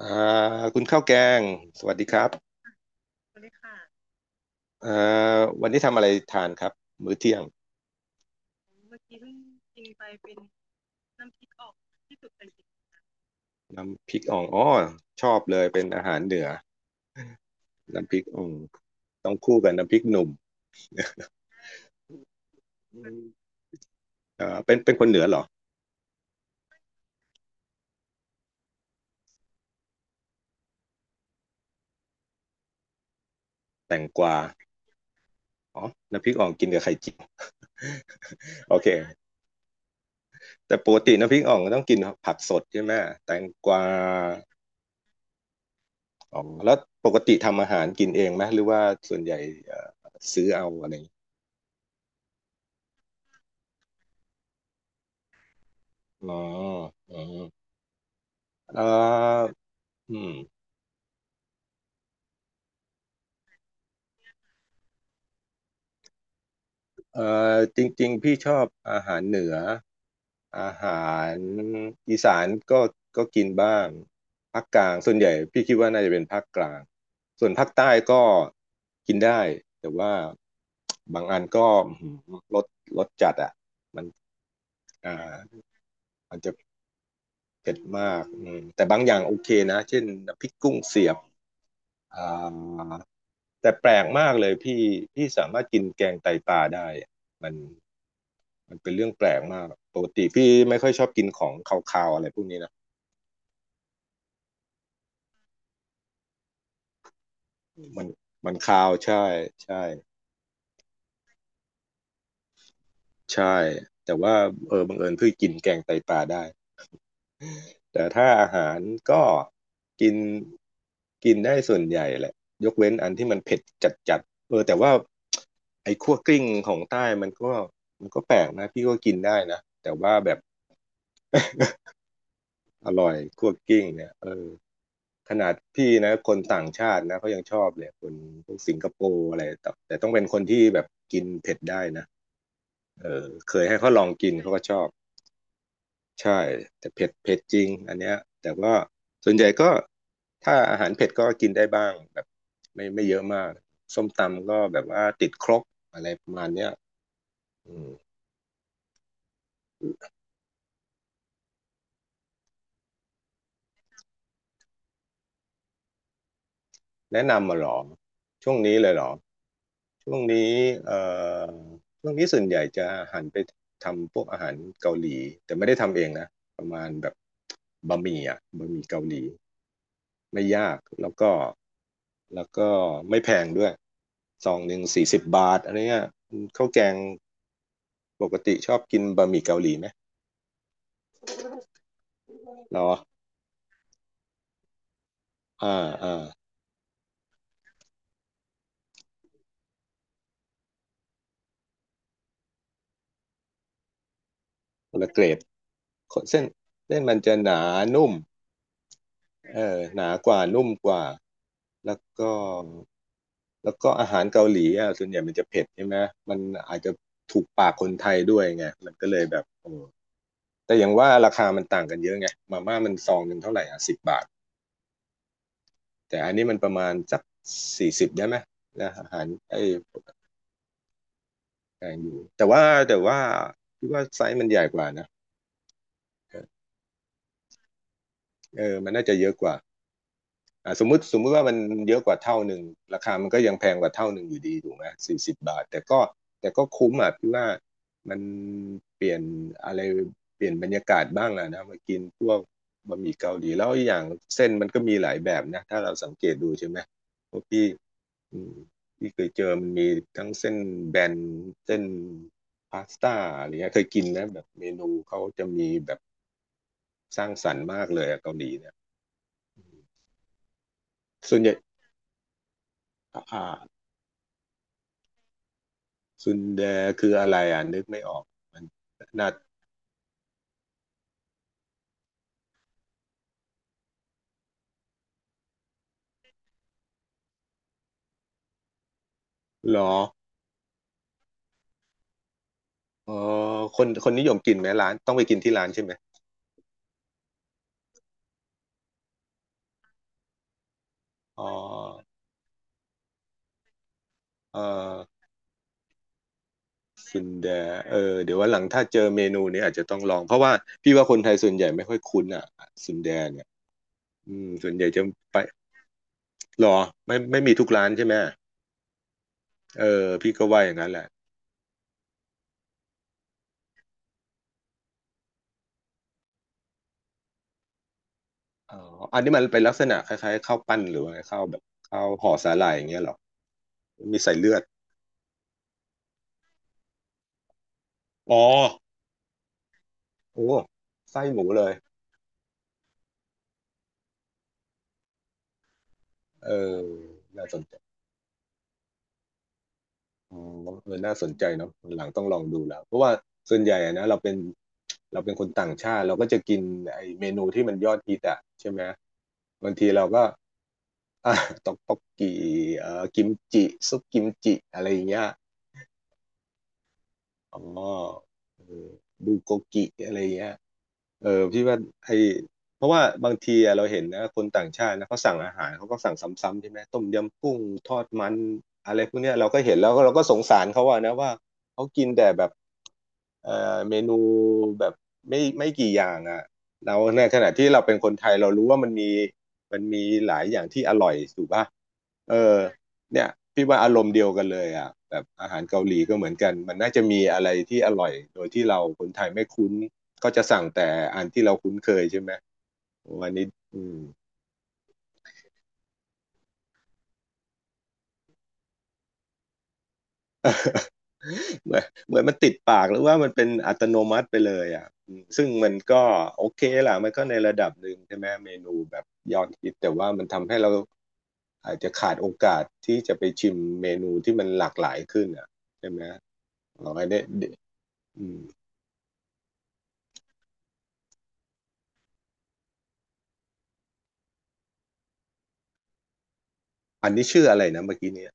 อ่าคุณข้าวแกงสวัสดีครับอ่าวันนี้ทำอะไรทานครับมื้อเที่ยงน้ำพริกอ่องอ๋อชอบเลยเป็นอาหารเหนือน้ำพริกอ่องต้องคู่กับน้ำพริกหนุ่มอืมเป็นคนเหนือเหรอแตงกวาอ๋อน้ำพริกอ่องกินกับไข่เจียวโอเคแต่ปกติน้ำพริกอ่องต้องกินผักสดใช่ไหมแตงกวาอ๋อแล้วปกติทำอาหารกินเองไหมหรือว่าส่วนใหญ่เอ่อซื้อเอาอะไรอย่างงี้อ๋ออ๋อเอ่ออืม เอ่จริงๆพี่ชอบอาหารเหนืออาหารอีสานก็ก็กินบ้างภาคกลางส่วนใหญ่พี่คิดว่าน่าจะเป็นภาคกลางส่วนภาคใต้ก็กินได้แต่ว่าบางอันก็อื้อหือรสจัดอ่ะมันอ่ามันจะเผ็ดมากอืมแต่บางอย่างโอเคนะเช่นน้ำพริกกุ้งเสียบอ่าแต่แปลกมากเลยพี่สามารถกินแกงไตปลาได้อะมัน มันเป็นเรื่องแปลกมากปกติพี่ไม่ค่อยชอบกินของคาวๆอะไรพวกนี้นะมันมันคาวใช่ใช่ใช่แต่ว่าเออบังเอิญเพิ่งกินแกงไตปลาได้ แต่ถ้าอาหารก็กินกินได้ส่วนใหญ่แหละยกเว้นอันที่มันเผ็ดจัดๆเออแต่ว่าไอ้คั่วกลิ้งของใต้มันก็มันก็แปลกนะพี่ก็กินได้นะแต่ว่าแบบ อร่อยคั่วกลิ้งเนี่ยเออ ขนาดพี่นะคนต่างชาตินะเขายังชอบเลยคนพวกสิงคโปร์อะไรแต่ต้องเป็นคนที่แบบกินเผ็ดได้นะเออเคยให้เขาลองกินเขาก็ชอบใช่แต่เผ็ดเผ็ดจริงอันเนี้ยแต่ว่าส่วนใหญ่ก็ถ้าอาหารเผ็ดก็กินได้บ้างแบบไม่เยอะมากส้มตำก็แบบว่าติดครกอะไรประมาณเนี้ยอืม แนะนำมาหรอช่วงนี้เลยเหรอช่วงนี้เอ่อช่วงนี้ส่วนใหญ่จะหันไปทำพวกอาหารเกาหลีแต่ไม่ได้ทำเองนะประมาณแบบบะหมี่อ่ะบะหมี่เกาหลีไม่ยากแล้วก็แล้วก็ไม่แพงด้วยซองหนึ่งสี่สิบบาทอะไรเงี้ยข้าวแกงปกติชอบกินบะหมี่เกาหลีไหมเหรออ่าอ่าคนละเกรดเส้นเส้นมันจะหนานุ่ม เออหนากว่านุ่มกว่าแล้วก็อาหารเกาหลีอ่ะส่วนใหญ่มันจะเผ็ดใช่ไหมมันอาจจะถูกปากคนไทยด้วยไงมันก็เลยแบบโอ้แต่อย่างว่าราคามันต่างกันเยอะไงมาม่ามันซองหนึ่งเท่าไหร่อ่ะสิบบาทแต่อันนี้มันประมาณสักสี่สิบได้ไหมนะอาหารไอ้แพงอยู่แต่ว่าแต่ว่าคิดว่าไซส์มันใหญ่กว่านะเออมันน่าจะเยอะกว่า อ่าสมมุติว่ามันเยอะกว่าเท่าหนึ่งราคามันก็ยังแพงกว่าเท่าหนึ่งอยู่ดีถูกไหมสี่สิบบาทแต่ก็คุ้มอ่ะพี่ว่ามันเปลี่ยนอะไรเปลี่ยนบรรยากาศบ้างอ่ะนะมากินพวกบะหมี่เกาหลีแล้วอีกอย่างเส้นมันก็มีหลายแบบนะถ้าเราสังเกตดูใช่ไหมเพราะพี่อืมพี่เคยเจอมันมีทั้งเส้นแบนเส้นพาสต้าอะไรเงี้ยเคยกินนะแบบเมนูเขาจะมีแบบสร้างสรรค์มากเลยอะเกาหลีเนี่ยส่วนใหญ่อ่า ซุนแดคืออะไรอ่ะนึกไม่ออกมันนัดหรอเอ๋อคนนิยมกินไหมร้านต้องไปกินที่ร้านใช่ไหมอ๋อเออซุนแดเออเดี๋ยววันหลังถ้าเจอเมนูนี้อาจจะต้องลองเพราะว่าพี่ว่าคนไทยส่วนใหญ่ไม่ค่อยคุ้นอ่ะซุนแดเนี่ยอืมส่วนใหญ่จะไปหรอไม่มีทุกร้านใช่ไหมเออพี่ก็ว่าอย่างนั้นแหละอ๋ออันนี้มันเป็นลักษณะคล้ายๆข้าวปั้นหรือว่าไงข้าวแบบข้าวห่อสาหร่ายอย่างเงี้ยเหรอมีใส่เลือดอ๋อโอ้ไส้หมูเลย เออน่าสนใจอืมเออน่าสนใจเนาะวันหลังต้องลองดูแล้ว เพราะว่าส่วนใหญ่อะนะเราเป็นคนต่างชาติ เราก็จะกินไอ้เมนูที่มันยอดฮิตอ่ะใช่ไหมบางทีเราก็อ่ะต๊อกต๊อกกีกิมจิซุปกิมจิ อะไรอย่างเงี้ย อ๋อเออบูโกกิอะไรเงี้ยเออพี่ว่าไอเพราะว่าบางทีอะเราเห็นนะคนต่างชาตินะเขาสั่งอาหารเขาก็สั่งซ้ำๆใช่ไหมต้มยำกุ้งทอดมันอะไรพวกเนี้ยเราก็เห็นแล้วก็เราก็สงสารเขาอะนะว่าเขากินแต่แบบเออเมนูแบบไม่กี่อย่างอะเราในขณะที่เราเป็นคนไทยเรารู้ว่ามันมีหลายอย่างที่อร่อยถูกป่ะเออ เนี่ยพี่ว่าอารมณ์เดียวกันเลยอ่ะแบบอาหารเกาหลีก็เหมือนกันมันน่าจะมีอะไรที่อร่อยโดยที่เราคนไทยไม่คุ้นก็จะสั่งแต่อันที่เราคุ้นเคยใช่ไหมวันนี้อืมเหมือนมันติดปากหรือว่ามันเป็นอัตโนมัติไปเลยอ่ะซึ่งมันก็โอเคล่ะมันก็ในระดับหนึ่งใช่ไหมเมนูแบบยอดฮิตแต่ว่ามันทำให้เราอาจจะขาดโอกาสที่จะไปชิมเมนูที่มันหลากหลายขึ้นอ่ะใช่ไหมลองไอ้เนี่ยอืมอันนี้ชื่ออะไรนะเมื่อกี้นี้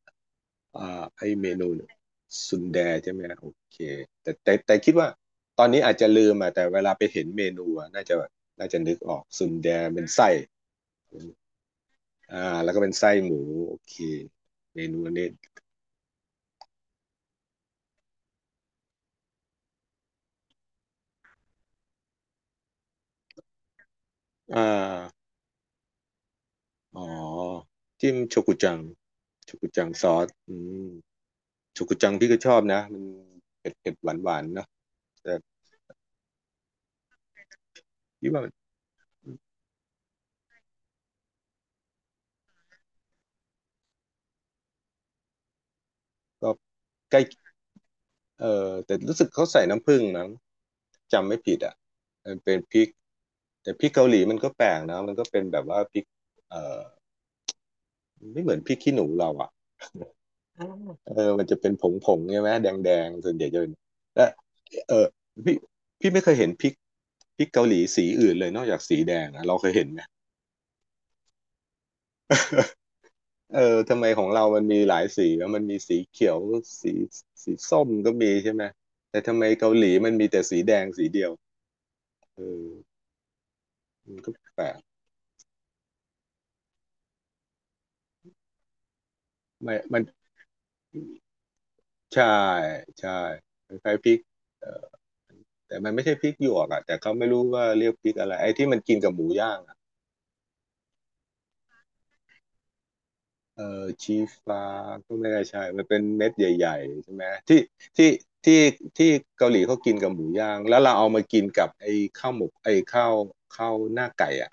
อ่าไอเมนูสซุนแดใช่ไหมโอเคแต่คิดว่าตอนนี้อาจจะลืมอ่ะแต่เวลาไปเห็นเมนูอ่ะน่าจะนึกออกซุนแดเป็นไส้อ่าแล้วก็เป็นไส้หมูโอเคเมนูนี้อ่าอ๋อจิ้มโชกุจังโชกุจังซอสอืมโชกุจังพี่ก็ชอบนะมันเผ็ดเผ็ดหวานหวานๆเนาะแต่พี่ว่ามันก็ใกล้ เออแต่รู้สึกเขาใส่น้ำผึ้งมั้งจำไม่ผิดอ่ะมันเป็นพริกแต่พริกเกาหลีมันก็แปลกนะมันก็เป็นแบบว่าพริกเออไม่เหมือนพริกขี้หนูเราอ่ะเออมันจะเป็นผงผงใช่ไหมแดงแดงส่วนใหญ่จะเป็นและเออพี่พี่ไม่เคยเห็นพริกเกาหลีสีอื่นเลยนอกจากสีแดงอะเราเคยเห็นไหม เออทำไมของเรามันมีหลายสีแล้วมันมีสีเขียวสีสีส้มก็มีใช่ไหมแต่ทำไมเกาหลีมันมีแต่สีแดงสีเดียวเออมันก็แปลก ไม่มันใช่ใช่คล้ายๆพริกเอ่อแต่มันไม่ใช่พริกหยวกอ่ะแต่เขาไม่รู้ว่าเรียกพริกอะไรไอ้ที่มันกินกับหมูย่างอ่ะเออชีฟ้าก็ไม่ได้ใช่ มันเป็นเม็ดใหญ่ๆใช่ไหมที่ที่ที่เกาหลีเขากินกับหมูย่าง แล้วเราเอามากินกับไอ้ข้าวหมกไอ้ข้าวหน้าไก่อ่ะ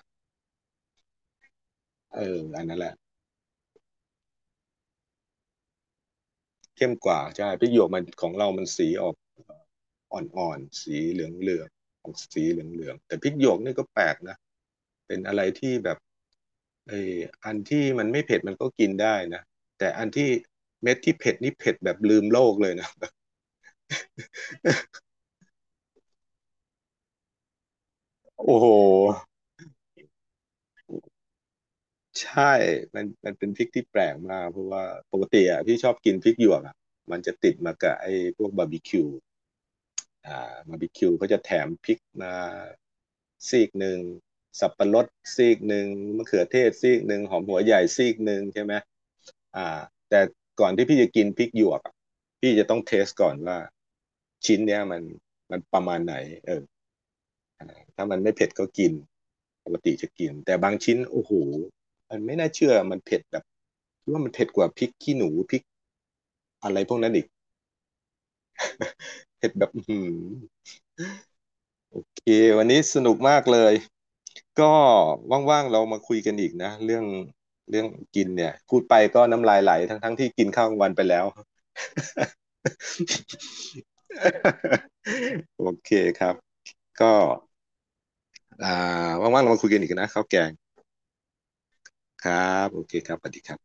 เอออันนั้นแหละ เข้มกว่าใช่พริกหยวกมันของเรามันสีออกอ่อนๆสีเหลืองเหลืองออกสีเหลืองเหลืองแต่พริกหยวกนี่ก็แปลกนะเป็นอะไรที่แบบไออันที่มันไม่เผ็ดมันก็กินได้นะแต่อันที่เม็ดที่เผ็ดนี่เผ็ดแบบลืมโลกเลยนะ โอ้โหใช่มันเป็นพริกที่แปลกมากเพราะว่าปกติอ่ะพี่ชอบกินพริกหยวกอ่ะมันจะติดมากับไอ้พวกบาร์บีคิว อ่าบาร์บีคิวเขาจะแถมพริกมาซีกหนึ่งสับปะรดซีกหนึ่งมะเขือเทศซีกหนึ่งหอมหัวใหญ่ซีกหนึ่งใช่ไหมอ่าแต่ก่อนที่พี่จะกินพริกหยวกอะพี่จะต้องเทสก่อนว่าชิ้นเนี้ยมันประมาณไหนเออถ้ามันไม่เผ็ดก็กินปกติจะกินแต่บางชิ้นโอ้โหมันไม่น่าเชื่อมันเผ็ดแบบคิดว่ามันเผ็ดกว่าพริกขี้หนูพริกอะไรพวกนั้นอีกเผ็ดแบบอื้อหือ โอเควันนี้สนุกมากเลยก็ว่างๆเรามาคุยกันอีกนะเรื่องกินเนี่ยพูดไปก็น้ำลายไหลทั้งๆทที่กินข้าวกลางวันไปแล้ว โอเคครับก็อ่าว่างๆเรามาคุยกันอีกนะข้าวแกงครับโอเคครับสวัสดีครับ